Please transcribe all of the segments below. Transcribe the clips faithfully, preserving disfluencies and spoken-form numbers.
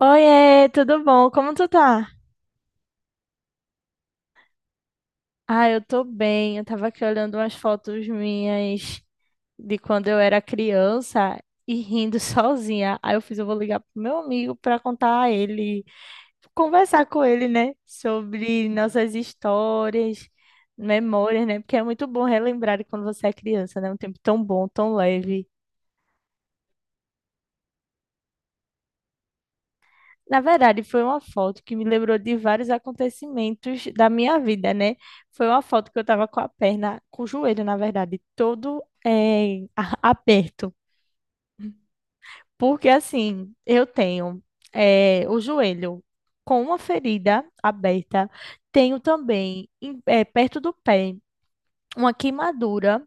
Oiê, tudo bom? Como tu tá? Ah, eu tô bem. Eu tava aqui olhando umas fotos minhas de quando eu era criança e rindo sozinha. Aí eu fiz, eu vou ligar pro meu amigo pra contar a ele, conversar com ele, né, sobre nossas histórias, memórias, né? Porque é muito bom relembrar de quando você é criança, né? Um tempo tão bom, tão leve. Na verdade, foi uma foto que me lembrou de vários acontecimentos da minha vida, né? Foi uma foto que eu tava com a perna, com o joelho, na verdade, todo eh, a- aperto. Porque assim, eu tenho eh, o joelho com uma ferida aberta, tenho também em- eh, perto do pé uma queimadura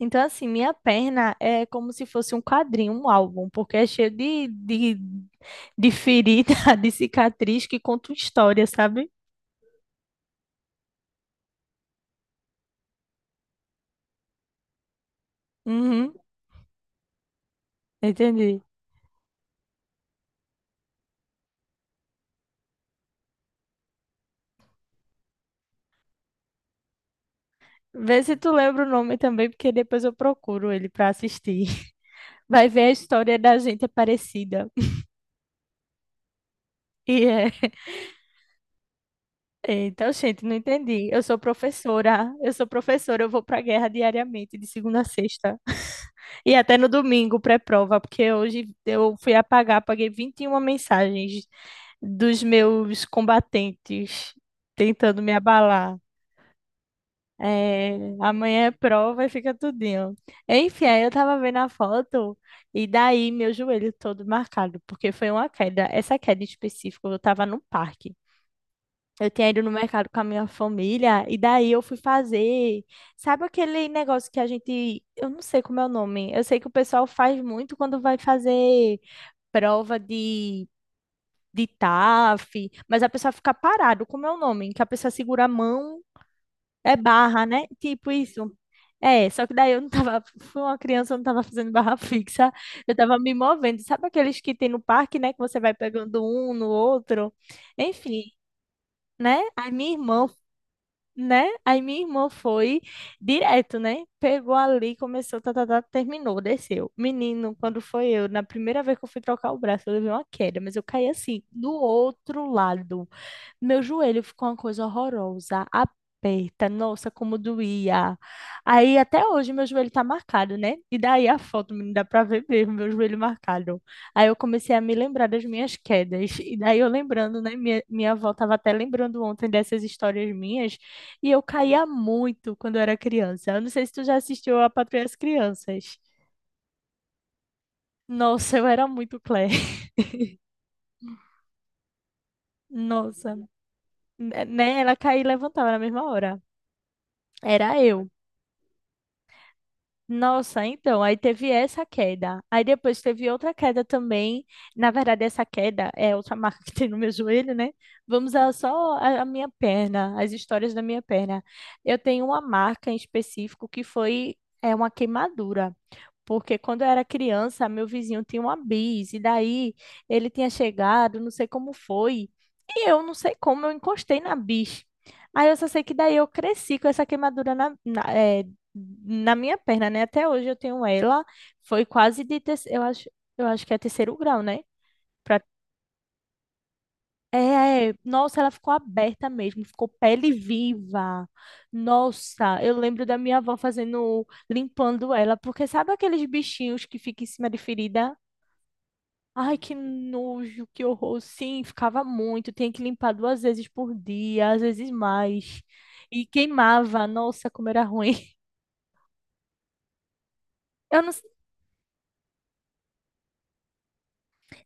então, assim, minha perna é como se fosse um quadrinho, um álbum, porque é cheio de, de, de ferida, de cicatriz que conta uma história, sabe? Uhum, entendi. Vê se tu lembra o nome também, porque depois eu procuro ele pra assistir. Vai ver a história da gente é parecida. E é. É, então, gente, não entendi. Eu sou professora. Eu sou professora, eu vou pra guerra diariamente, de segunda a sexta. E até no domingo, pré-prova, porque hoje eu fui apagar, paguei vinte e uma mensagens dos meus combatentes tentando me abalar. É, amanhã é prova e fica tudinho. Enfim, aí eu tava vendo a foto e daí meu joelho todo marcado, porque foi uma queda. Essa queda em específico, eu tava no parque. Eu tinha ido no mercado com a minha família e daí eu fui fazer. Sabe aquele negócio que a gente. Eu não sei como é o nome. Eu sei que o pessoal faz muito quando vai fazer prova de, de taf, mas a pessoa fica parado. Como é o nome? Que a pessoa segura a mão, é barra, né? Tipo isso. É, só que daí eu não tava. Fui uma criança, eu não tava fazendo barra fixa. Eu tava me movendo. Sabe aqueles que tem no parque, né? Que você vai pegando um no outro. Enfim, né? A minha irmã né? Aí minha irmã foi direto, né? Pegou ali, começou, tá, tá, tá, terminou, desceu. Menino, quando foi eu, na primeira vez que eu fui trocar o braço, eu levei uma queda, mas eu caí assim, do outro lado. Meu joelho ficou uma coisa horrorosa, aperta, nossa, como doía. Aí até hoje meu joelho tá marcado, né? E daí a foto não dá pra ver mesmo, meu joelho marcado. Aí eu comecei a me lembrar das minhas quedas. E daí eu lembrando, né? Minha, minha avó tava até lembrando ontem dessas histórias minhas. E eu caía muito quando eu era criança. Eu não sei se tu já assistiu a Patrulha das Crianças. Nossa, eu era muito Claire. Nossa, né? Ela caía e levantava na mesma hora. Era eu. Nossa, então, aí teve essa queda. Aí depois teve outra queda também. Na verdade, essa queda é outra marca que tem no meu joelho, né? Vamos a só a, a minha perna, as histórias da minha perna. Eu tenho uma marca em específico que foi é uma queimadura. Porque quando eu era criança, meu vizinho tinha uma bis, e daí ele tinha chegado, não sei como foi, e eu não sei como eu encostei na bis. Aí eu só sei que daí eu cresci com essa queimadura na, na- eh, na minha perna, né? Até hoje eu tenho ela. Foi quase de terceiro, eu acho, eu acho que é terceiro grau, né? Pra- É, é. Nossa, ela ficou aberta mesmo, ficou pele viva. Nossa, eu lembro da minha avó fazendo, limpando ela, porque sabe aqueles bichinhos que ficam em cima de ferida? Ai, que nojo, que horror. Sim, ficava muito, tinha que limpar duas vezes por dia, às vezes mais. E queimava, nossa, como era ruim. Eu não,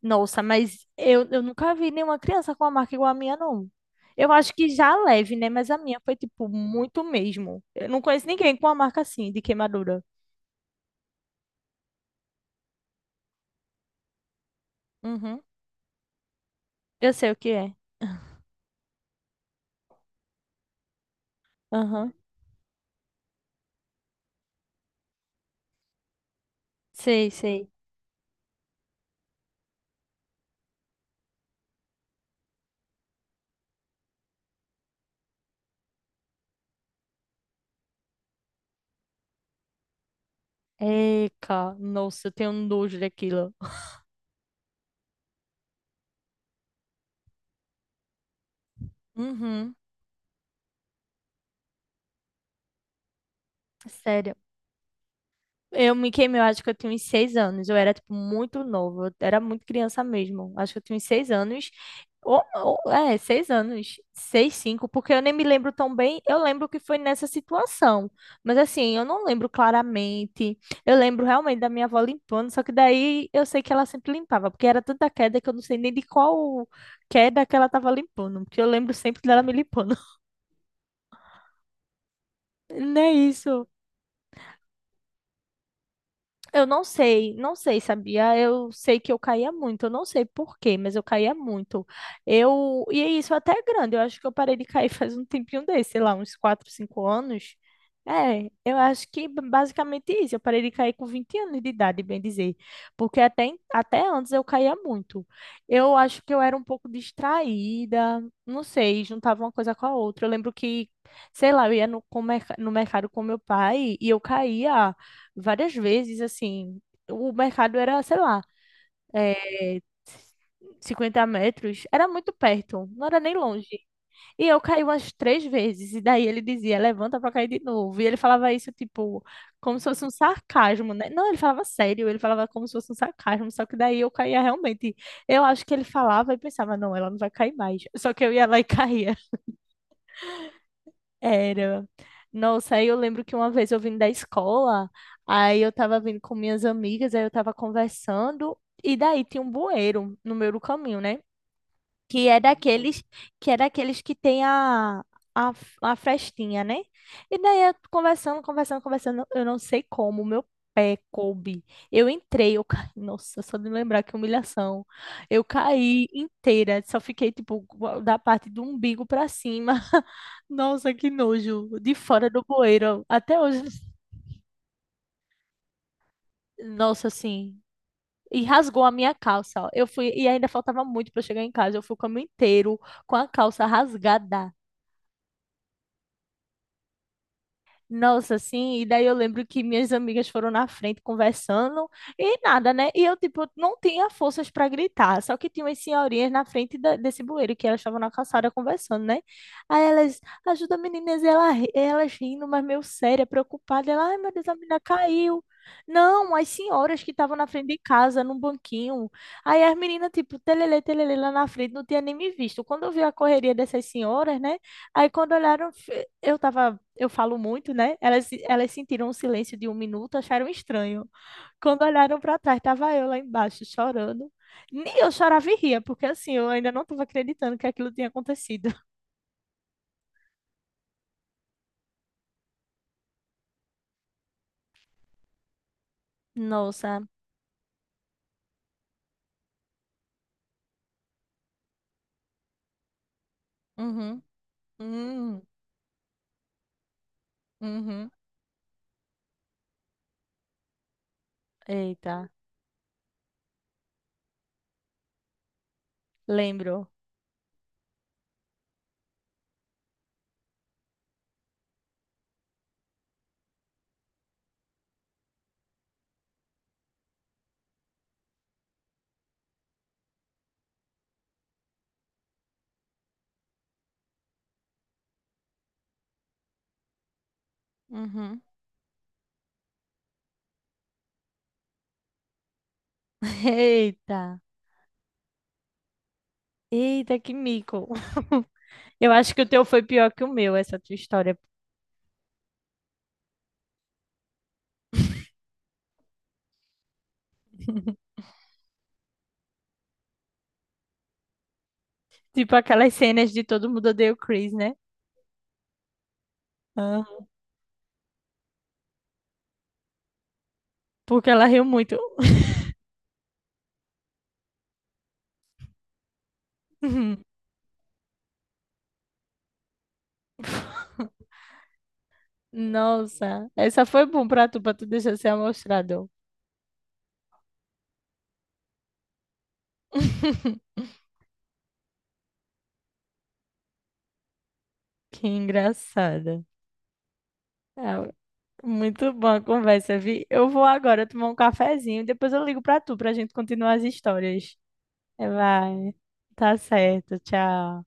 nossa, mas eu, eu nunca vi nenhuma criança com uma marca igual a minha, não. Eu acho que já leve, né? Mas a minha foi, tipo, muito mesmo. Eu não conheço ninguém com uma marca assim, de queimadura. Uhum. Eu sei o que é. Aham. Sei, sei. Eca, nossa, eu tenho nojo daquilo. Uhum. Sério. Eu me queimei, eu acho que eu tinha uns seis anos. Eu era, tipo, muito novo. Eu era muito criança mesmo. Acho que eu tinha uns seis anos. Ou, ou- é, seis anos. Seis, cinco, porque eu nem me lembro tão bem. Eu lembro que foi nessa situação. Mas, assim, eu não lembro claramente. Eu lembro realmente da minha avó limpando, só que daí eu sei que ela sempre limpava, porque era tanta queda que eu não sei nem de qual queda que ela tava limpando, porque eu lembro sempre dela me limpando. Não é isso. Eu não sei, não sei, sabia? Eu sei que eu caía muito, eu não sei por quê, mas eu caía muito. Eu, e é isso até é grande, eu acho que eu parei de cair faz um tempinho desse, sei lá, uns quatro, cinco anos. É, eu acho que b- basicamente isso, eu parei de cair com vinte anos de idade, bem dizer, porque até, em- até antes eu caía muito. Eu acho que eu era um pouco distraída, não sei, juntava uma coisa com a outra. Eu lembro que, sei lá, eu ia no, com merca- no mercado com meu pai e eu caía várias vezes, assim. O mercado era, sei lá, é, cinquenta metros, era muito perto, não era nem longe. E eu caí umas três vezes, e daí ele dizia, levanta pra cair de novo. E ele falava isso, tipo, como se fosse um sarcasmo, né? Não, ele falava sério, ele falava como se fosse um sarcasmo, só que daí eu caía realmente. Eu acho que ele falava e pensava, não, ela não vai cair mais. Só que eu ia lá e caía. Era. Nossa, aí eu lembro que uma vez eu vim da escola, aí eu tava vindo com minhas amigas, aí eu tava conversando, e daí tinha um bueiro no meio do caminho, né? que é daqueles que é daqueles que tem a, a, a frestinha, né? E daí eu conversando, conversando, conversando, eu não sei como, meu pé coube. Eu entrei, eu caí, nossa, só de lembrar que humilhação. Eu caí inteira, só fiquei tipo da parte do umbigo pra cima. Nossa, que nojo, de fora do bueiro, até hoje. Nossa, assim, e rasgou a minha calça. Ó. Eu fui e ainda faltava muito para chegar em casa. Eu fui o caminho inteiro com a calça rasgada. Nossa, assim, e daí eu lembro que minhas amigas foram na frente conversando e nada, né? E eu, tipo, não tinha forças para gritar, só que tinha umas senhorinhas na frente da- desse bueiro que elas estavam na calçada conversando, né? Aí elas, ajuda meninas, e ela, ri- elas rindo, mas meio séria, preocupada. Ela, ai meu Deus, a menina caiu. Não, as senhoras que estavam na frente de casa, num banquinho. Aí as meninas, tipo, telele, telele lá na frente, não tinha nem me visto. Quando eu vi a correria dessas senhoras, né? Aí quando olharam, fe- eu tava eu falo muito, né? Elas, elas sentiram um silêncio de um minuto, acharam estranho. Quando olharam para trás, estava eu lá embaixo chorando. Nem eu chorava e ria, porque assim, eu ainda não estava acreditando que aquilo tinha acontecido. Nossa. Uhum. Uhum. Uhum. Eita. Lembro. Uhum. Eita. Eita, que mico. Eu acho que o teu foi pior que o meu, essa tua história. Tipo aquelas cenas de todo mundo odeia o Chris, né? Ah. Porque ela riu muito. Nossa, essa foi bom pra tu, pra tu deixar ser amostrador. Que engraçada. Ah, muito boa a conversa, vi. Eu vou agora tomar um cafezinho, depois eu ligo pra tu, pra gente continuar as histórias. É, vai. Tá certo, tchau.